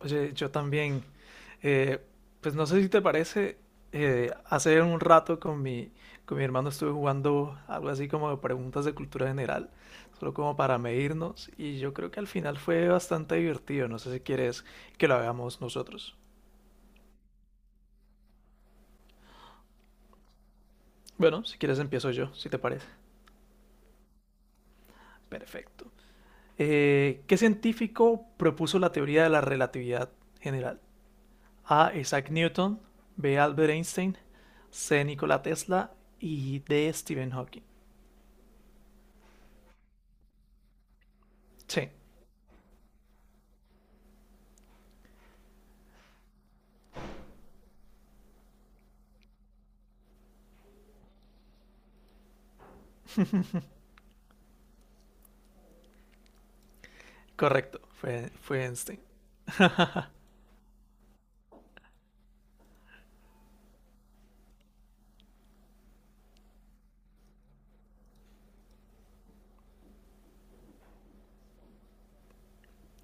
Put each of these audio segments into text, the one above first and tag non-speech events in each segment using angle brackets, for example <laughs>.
Oye, yo también. Eh, pues no sé si te parece, hace un rato con mi hermano estuve jugando algo así como de preguntas de cultura general, solo como para medirnos, y yo creo que al final fue bastante divertido. No sé si quieres que lo hagamos nosotros. Bueno, si quieres empiezo yo, si te parece. Perfecto. ¿Qué científico propuso la teoría de la relatividad general? A. Isaac Newton, B. Albert Einstein, C. Nikola Tesla y D. Stephen Hawking. Sí, correcto, fue Einstein.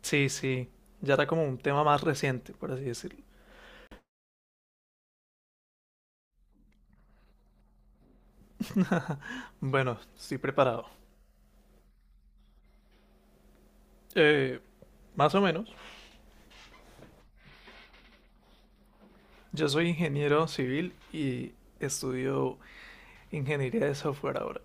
Sí, sí, ya era como un tema más reciente, por así decirlo. Bueno, estoy preparado. Eh, más o menos. Yo soy ingeniero civil y estudio ingeniería de software ahora.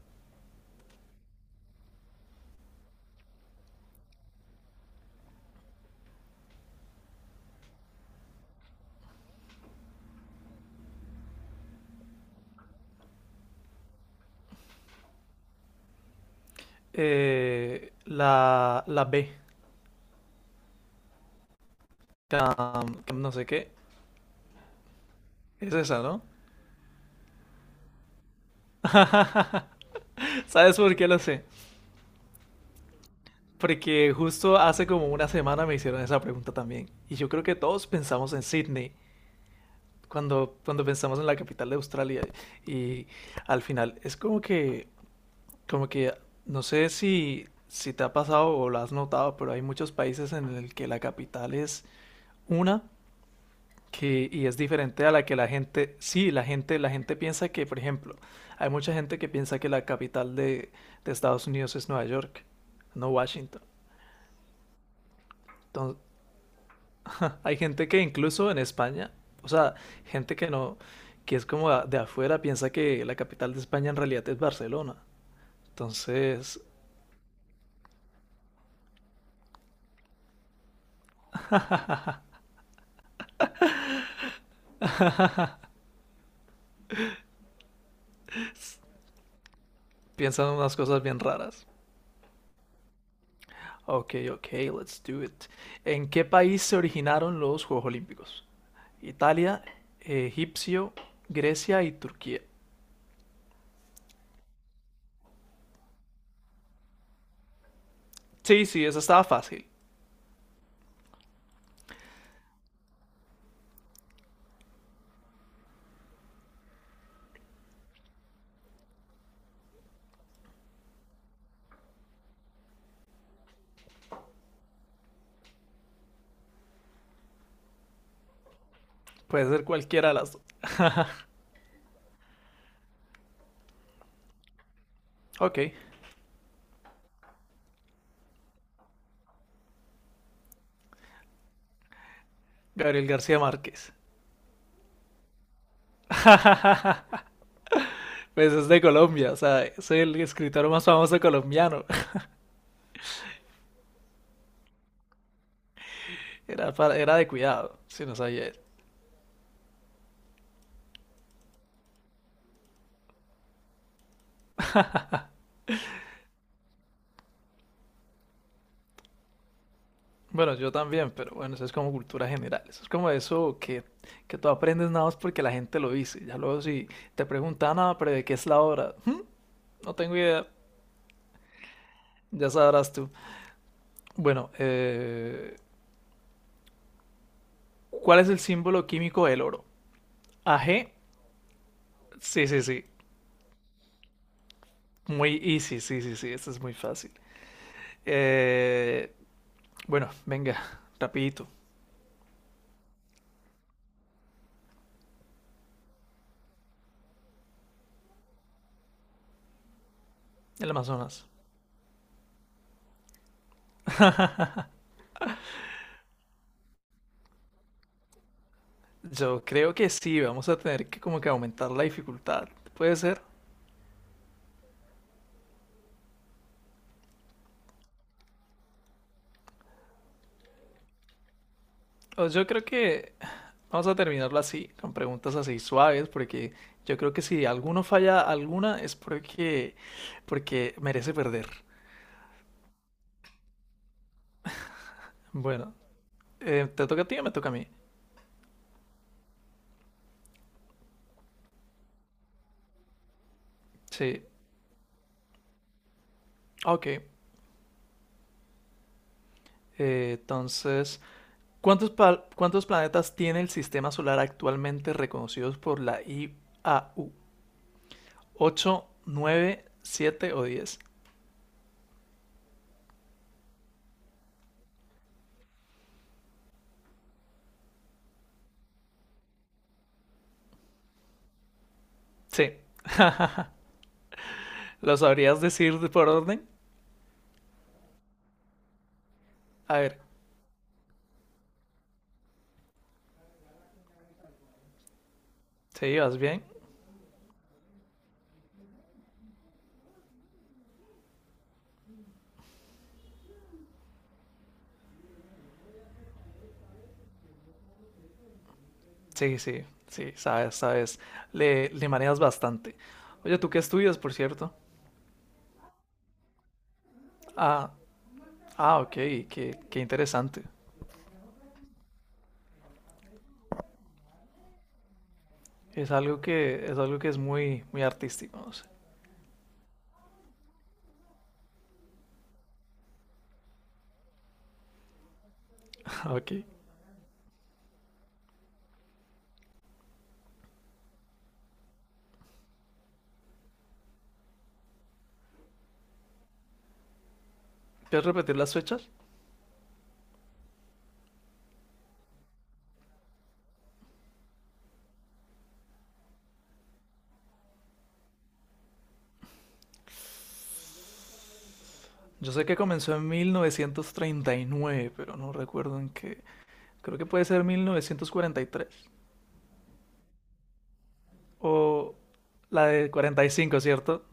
La B, cam no sé qué, es esa, ¿no? <laughs> ¿Sabes por qué lo sé? Porque justo hace como una semana me hicieron esa pregunta también. Y yo creo que todos pensamos en Sydney cuando pensamos en la capital de Australia. Y al final es como que, no sé si te ha pasado o lo has notado, pero hay muchos países en el que la capital es una que, y es diferente a la que la gente, sí, la gente piensa que, por ejemplo, hay mucha gente que piensa que la capital de Estados Unidos es Nueva York, no Washington. Enton- Hay gente que incluso en España, o sea, gente que no, que es como de afuera, piensa que la capital de España en realidad es Barcelona. Entonces, piensan unas cosas bien raras. Ok, ok, let's do it. ¿En qué país se originaron los Juegos Olímpicos? Italia, Egipcio, Grecia y Turquía. Sí, sí, esa estaba fácil. Puede ser cualquiera de las dos. Ok, Gabriel García Márquez. <laughs> Pues es de Colombia, o sea, es el escritor más famoso colombiano. Era de cuidado, si no sabía eso. Bueno, yo también, pero bueno, eso es como cultura general. Eso es como eso que tú aprendes nada más porque la gente lo dice. Ya luego si te preguntan, ah, pero ¿de qué es la obra? No tengo idea, ya sabrás tú." Bueno, ¿cuál es el símbolo químico del oro? AG. Sí, sí, sí. Muy easy, sí, sí, sí. Esto es muy fácil. Eh, bueno, venga, rapidito. El Amazonas. Yo creo que sí, vamos a tener que como que aumentar la dificultad, puede ser. O yo creo que vamos a terminarlo así, con preguntas así suaves, porque yo creo que si alguno falla alguna es porque merece perder. Bueno, ¿te toca a ti o me toca a mí? Sí, ok. Entonces, ¿cuántos planetas tiene el sistema solar actualmente reconocidos por la IAU? 8, 9, 7 o 10. Sí. ¿Lo sabrías decir por orden? A ver, ¿sí vas bien? Sí, sí, sí, sabes, sabes. Le manejas bastante. Oye, ¿tú qué estudias, por cierto? Ah, ah, ok, qué interesante. Es algo que es muy, muy artístico, no sé. <laughs> Ok. ¿Puedes repetir las fechas? Yo sé que comenzó en 1939, pero no recuerdo en qué. Creo que puede ser 1943 o la de 45, ¿cierto?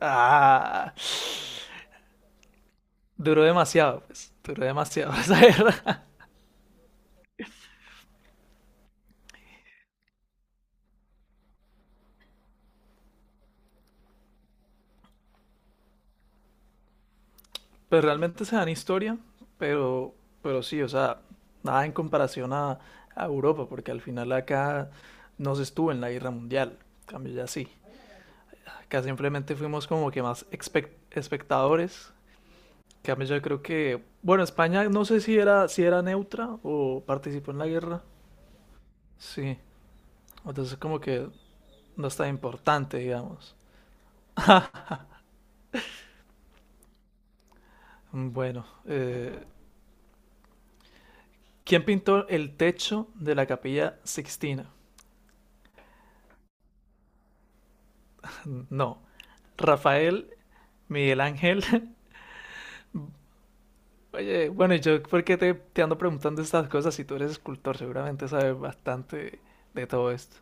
Ah, duró demasiado, pues, duró demasiado <laughs> esa guerra. Pero realmente se dan historia, pero, pero sí, o sea, nada en comparación a Europa, porque al final acá no se estuvo en la guerra mundial, en cambio ya sí. Acá simplemente fuimos como que más espectadores, en cambio yo creo que, bueno, España no sé si era, si era neutra o participó en la guerra, sí, entonces como que no está importante, digamos. Bueno, ¿quién pintó el techo de la Capilla Sixtina? <laughs> No. Rafael, Miguel Ángel. <laughs> Oye, bueno, yo por qué te ando preguntando estas cosas si tú eres escultor, seguramente sabes bastante de todo esto.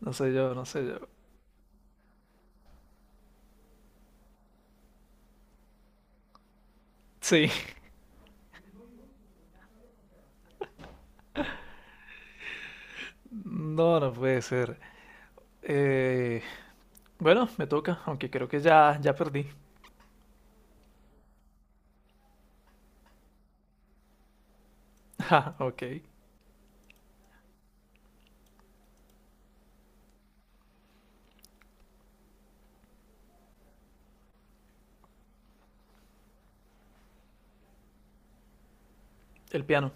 No sé yo, no sé yo. Sí, <laughs> no, no puede ser. Eh, bueno, me toca, aunque creo que ya perdí. <laughs> Ja, ok. El piano,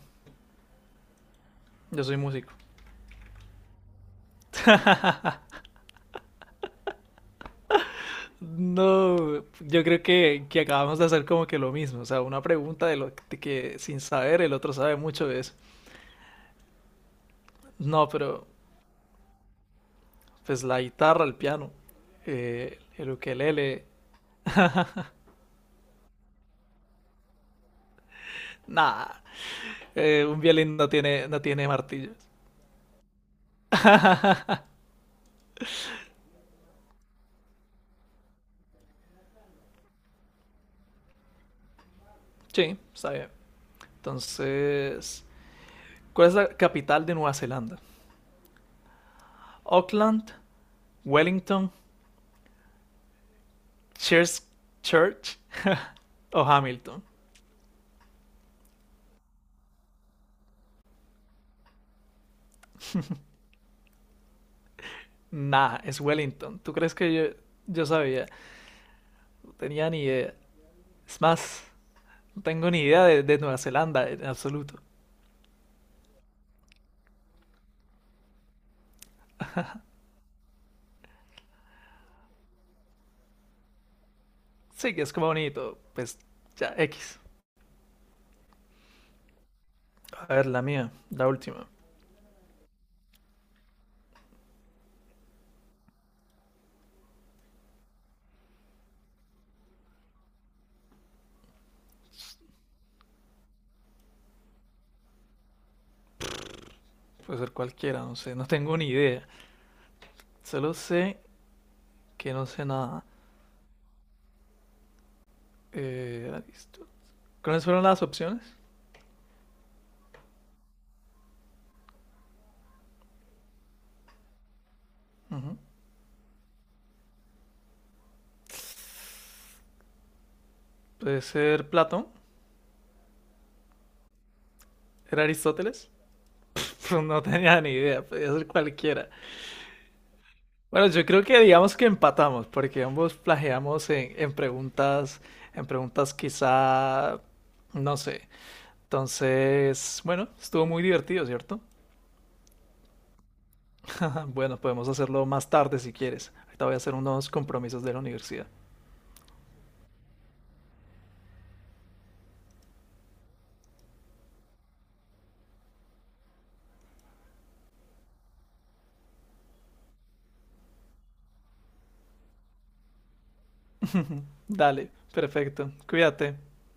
yo soy músico. No, yo creo que acabamos de hacer como que lo mismo, o sea, una pregunta de lo de que sin saber el otro sabe mucho de eso. No, pero pues la guitarra, el piano, el ukelele, nada, un violín no tiene, no tiene martillos. Sí, está bien. Entonces, ¿cuál es la capital de Nueva Zelanda? Auckland, Wellington, Christchurch <laughs> Church o Hamilton. Nah, es Wellington. ¿Tú crees que yo sabía? Tenía ni idea. Es más, no tengo ni idea de Nueva Zelanda en absoluto. Sí, que es como bonito. Pues ya, X. A ver, la mía, la última. Puede ser cualquiera, no sé. No tengo ni idea. Solo sé que no sé nada. Eh, Arist- ¿Cuáles fueron las opciones? Ujú. Puede ser Platón. ¿Era Aristóteles? <laughs> No tenía ni idea. Podía ser cualquiera. Bueno, yo creo que digamos que empatamos, porque ambos plagiamos en preguntas quizá, no sé, entonces, bueno, estuvo muy divertido, ¿cierto? <laughs> Bueno, podemos hacerlo más tarde si quieres. Ahorita voy a hacer unos compromisos de la universidad. Dale, perfecto. Cuídate.